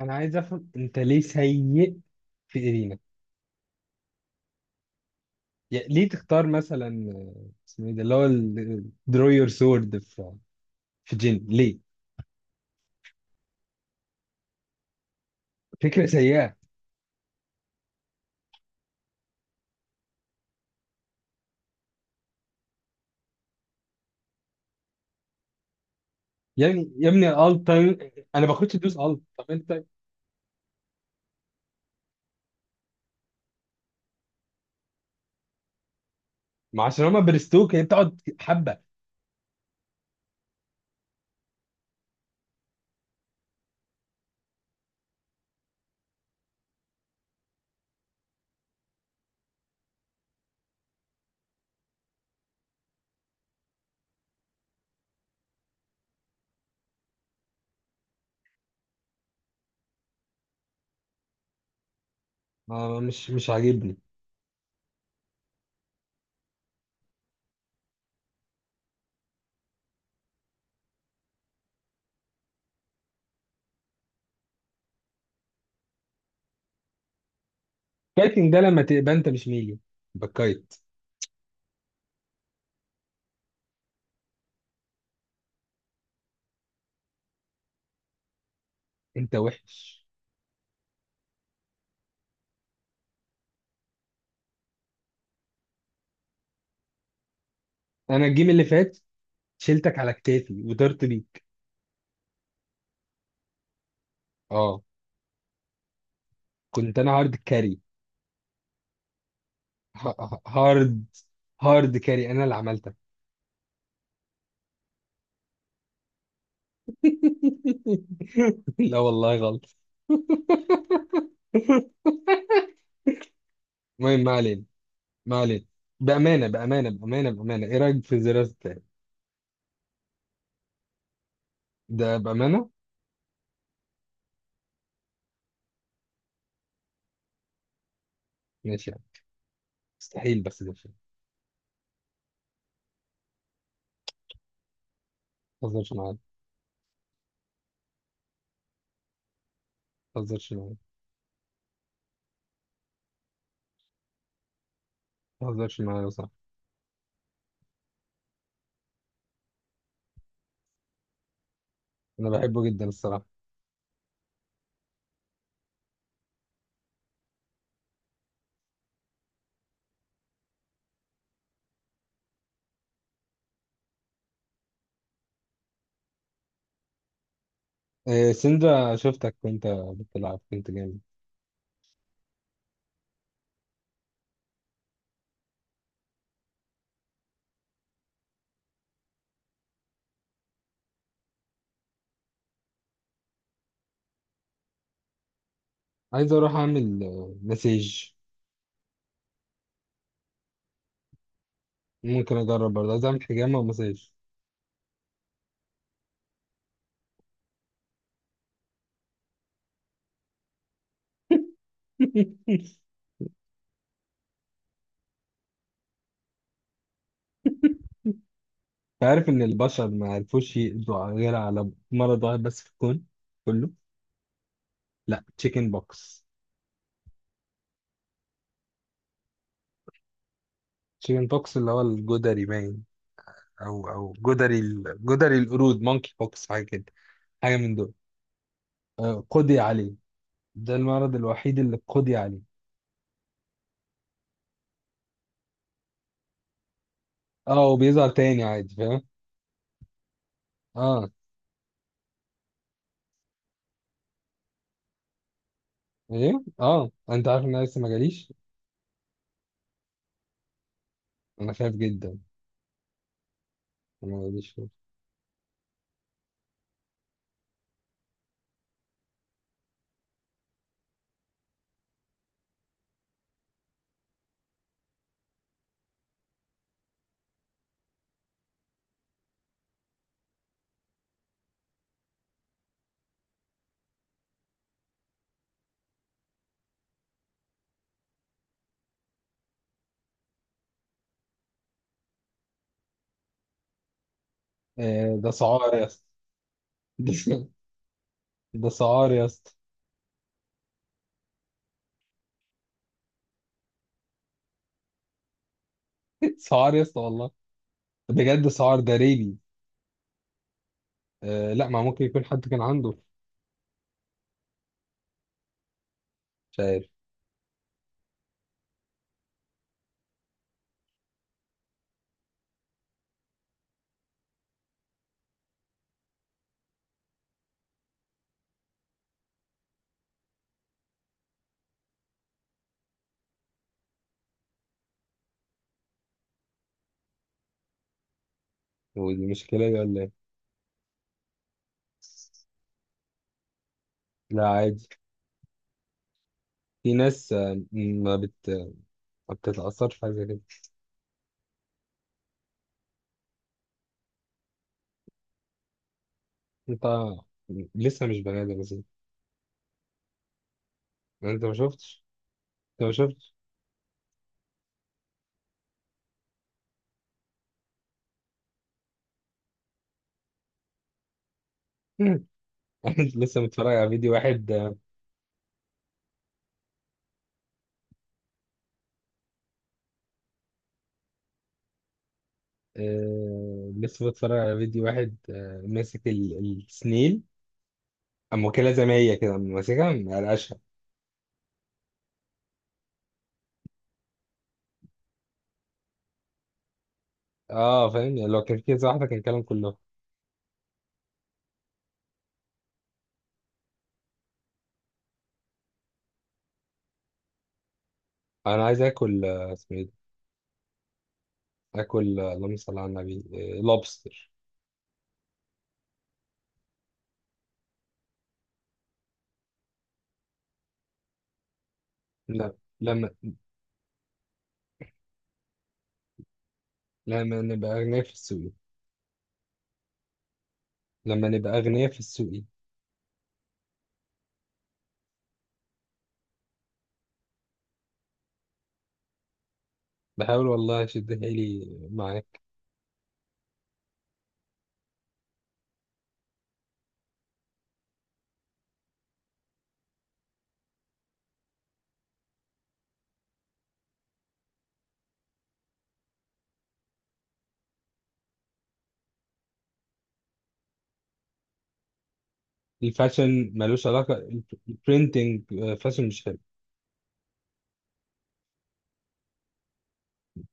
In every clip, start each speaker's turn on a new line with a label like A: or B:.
A: انا عايز افهم انت ليه سيء في ايرينا. يعني ليه تختار مثلا اسمه ايه ده اللي هو درو يور سورد في جين، ليه؟ فكره سيئه. يا ابني يا ابني انا باخدش دوس الت. طب انت، ما عشان هما برستوك، يعني بتقعد حبه. مش عاجبني. الكايتنج ده لما تبقى انت مش ميلي، بكايت. انت وحش. انا الجيم اللي فات شلتك على كتافي وطرت بيك. اه، كنت انا هارد كاري. هارد هارد كاري، انا اللي عملتك. لا والله غلط. المهم، ما علينا، ما علينا. بأمانة بأمانة بأمانة بأمانة، إيه رأيك في الزرار التاني؟ ده بأمانة؟ ماشي يعني. مستحيل، بس ده شيء. ما تهزرش معايا، ما تهزرش معايا، ما تهزرش معايا يا صاحبي. أنا بحبه جدا الصراحة. إيه سندرا، شفتك وأنت بتلعب كنت جامد. عايز أروح أعمل مساج. ممكن أجرب برضه، عايز أعمل حجامة ومساج. أنت عارف إن البشر ما عرفوش يقضوا غير على مرض واحد بس في الكون كله؟ لا، تشيكن بوكس. تشيكن بوكس اللي هو الجدري باين. او جدري جدري القرود، مونكي بوكس، حاجه كده. حاجه من دول. آه، قضي عليه. ده المرض الوحيد اللي قضي عليه. اه، وبيظهر تاني عادي، فاهم. اه. ايه، اه، انت عارف ان انا لسه ما جاليش. انا خايف جدا. أنا ما جاليش. آه، ده سعار يا اسطى. ده، ده سعار يا اسطى. سعار يا اسطى والله. بجد، سعار ده ريبي. آه لا، ما ممكن يكون حد كان عنده. مش عارف. ودي مشكله دي ولا ايه؟ لا عادي. في ناس ما بتتأثرش في حاجة زي كده. انت لسه مش بني ادم مثلا. انت ما شفتش، انت ما شفتش. أنا لسه متفرج على فيديو واحد. آه، لسه متفرج على فيديو واحد. آه، ماسك السنيل. اما واكلها زي ما هي كده، أما ماسكها مقلقشها. اه فاهم. يعني لو كان في كذا واحدة كان الكلام كله. انا عايز اكل اسمه ايه ده. اكل، اللهم صل على النبي. آه، لوبستر. لا لما. لما نبقى اغنياء في السوق، لما نبقى اغنياء في السوق. بحاول والله اشد حيلي مع. الفاشن ملوش علاقة. البرينتنج فاشن مش حلو.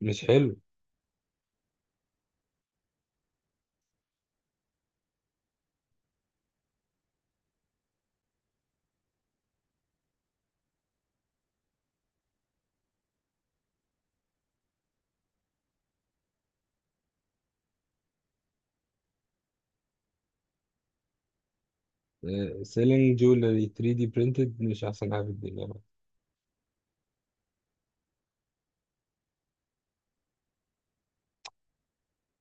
A: مش حلو. سيلينج جولري 3 دي برينتد مش أحسن حاجة في الدنيا.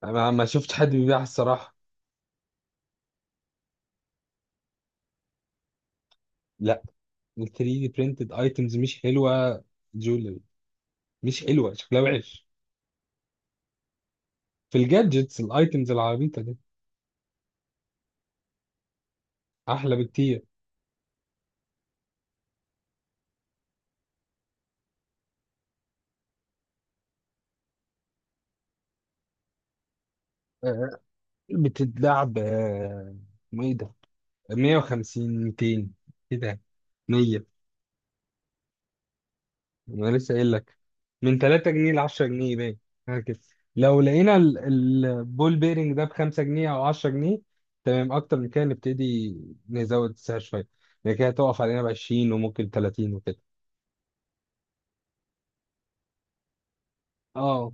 A: أنا ما شفت حد بيبيعها الصراحة. لا. ال 3 دي برينتد أيتمز مش حلوة. جولري مش حلوة، شكلها وحش. في الجادجتس الأيتمز العبيطة دي، أحلى بكتير. آه، بتتلعب اسمه إيه ده. 150، 200 كده، 100. انا لسه قايل لك، من 3 جنيه ل 10 جنيه باين، حاجه كده. لو لقينا البول بيرنج ده ب 5 جنيه او 10 جنيه، تمام. اكتر من كده نبتدي نزود السعر شويه، يعني كده هتقف علينا ب 20 وممكن 30 وكده. اه،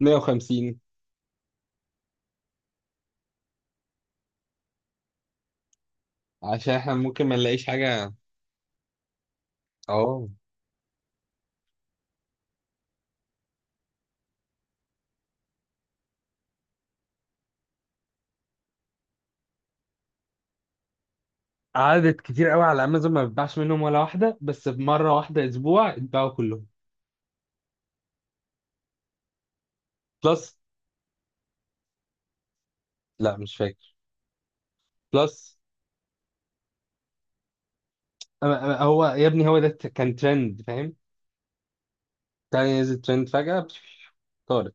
A: 150، عشان احنا ممكن ما نلاقيش حاجه. اه، عدد كتير قوي على امازون. ما بتباعش منهم ولا واحده، بس بمره واحده اسبوع اتباعوا كلهم. بلس. لا مش فاكر. بلس. أما هو يا ابني، هو ده كان ترند، فاهم. تاني نزل ترند فجأة طارت.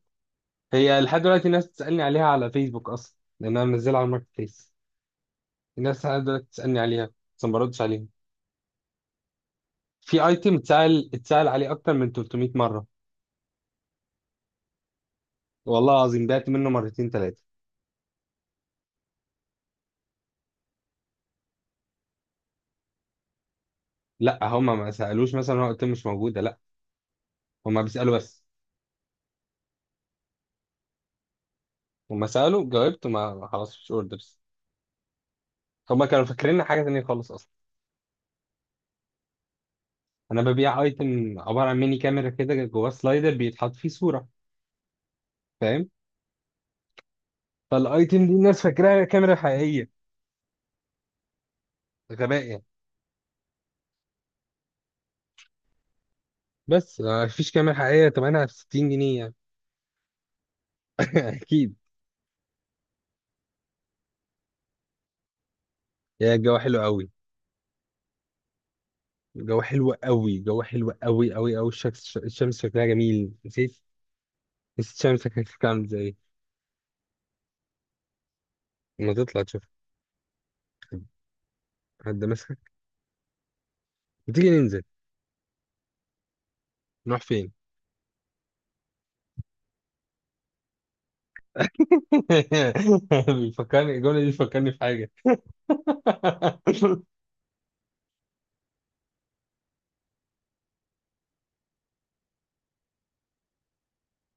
A: هي لحد دلوقتي الناس بتسألني عليها على فيسبوك أصلا، لأن أنا منزلها على الماركت بليس. الناس لحد دلوقتي بتسألني عليها، بس ما بردش عليهم. في أيتم اتسأل عليه أكتر من 300 مرة. والله العظيم بعت منه مرتين ثلاثة. لا، هما ما سألوش. مثلا هو الأيتم مش موجودة، لا، هما بيسألوا بس. هما سألوا، جاوبت، وما خلاص مش أوردرز. هما كانوا فاكرين حاجة تانية خالص أصلا. أنا ببيع أيتم عبارة عن ميني كاميرا كده جواه سلايدر بيتحط فيه صورة، فاهم. فالايتم دي الناس فاكراها كاميرا حقيقيه، غباء يعني. بس مفيش كاميرا حقيقية تمنها في 60 جنيه يعني. أكيد. يعني الجو حلو قوي. الجو حلو قوي، الجو حلو قوي قوي قوي. الشمس، الشمس شكلها جميل. نسيت، نسيت الشمس شكلها عامل ازاي. لما تطلع تشوف، حد ماسكك؟ وتيجي ننزل، نروح فين؟ بيفكرني الجملة دي، بتفكرني في حاجة.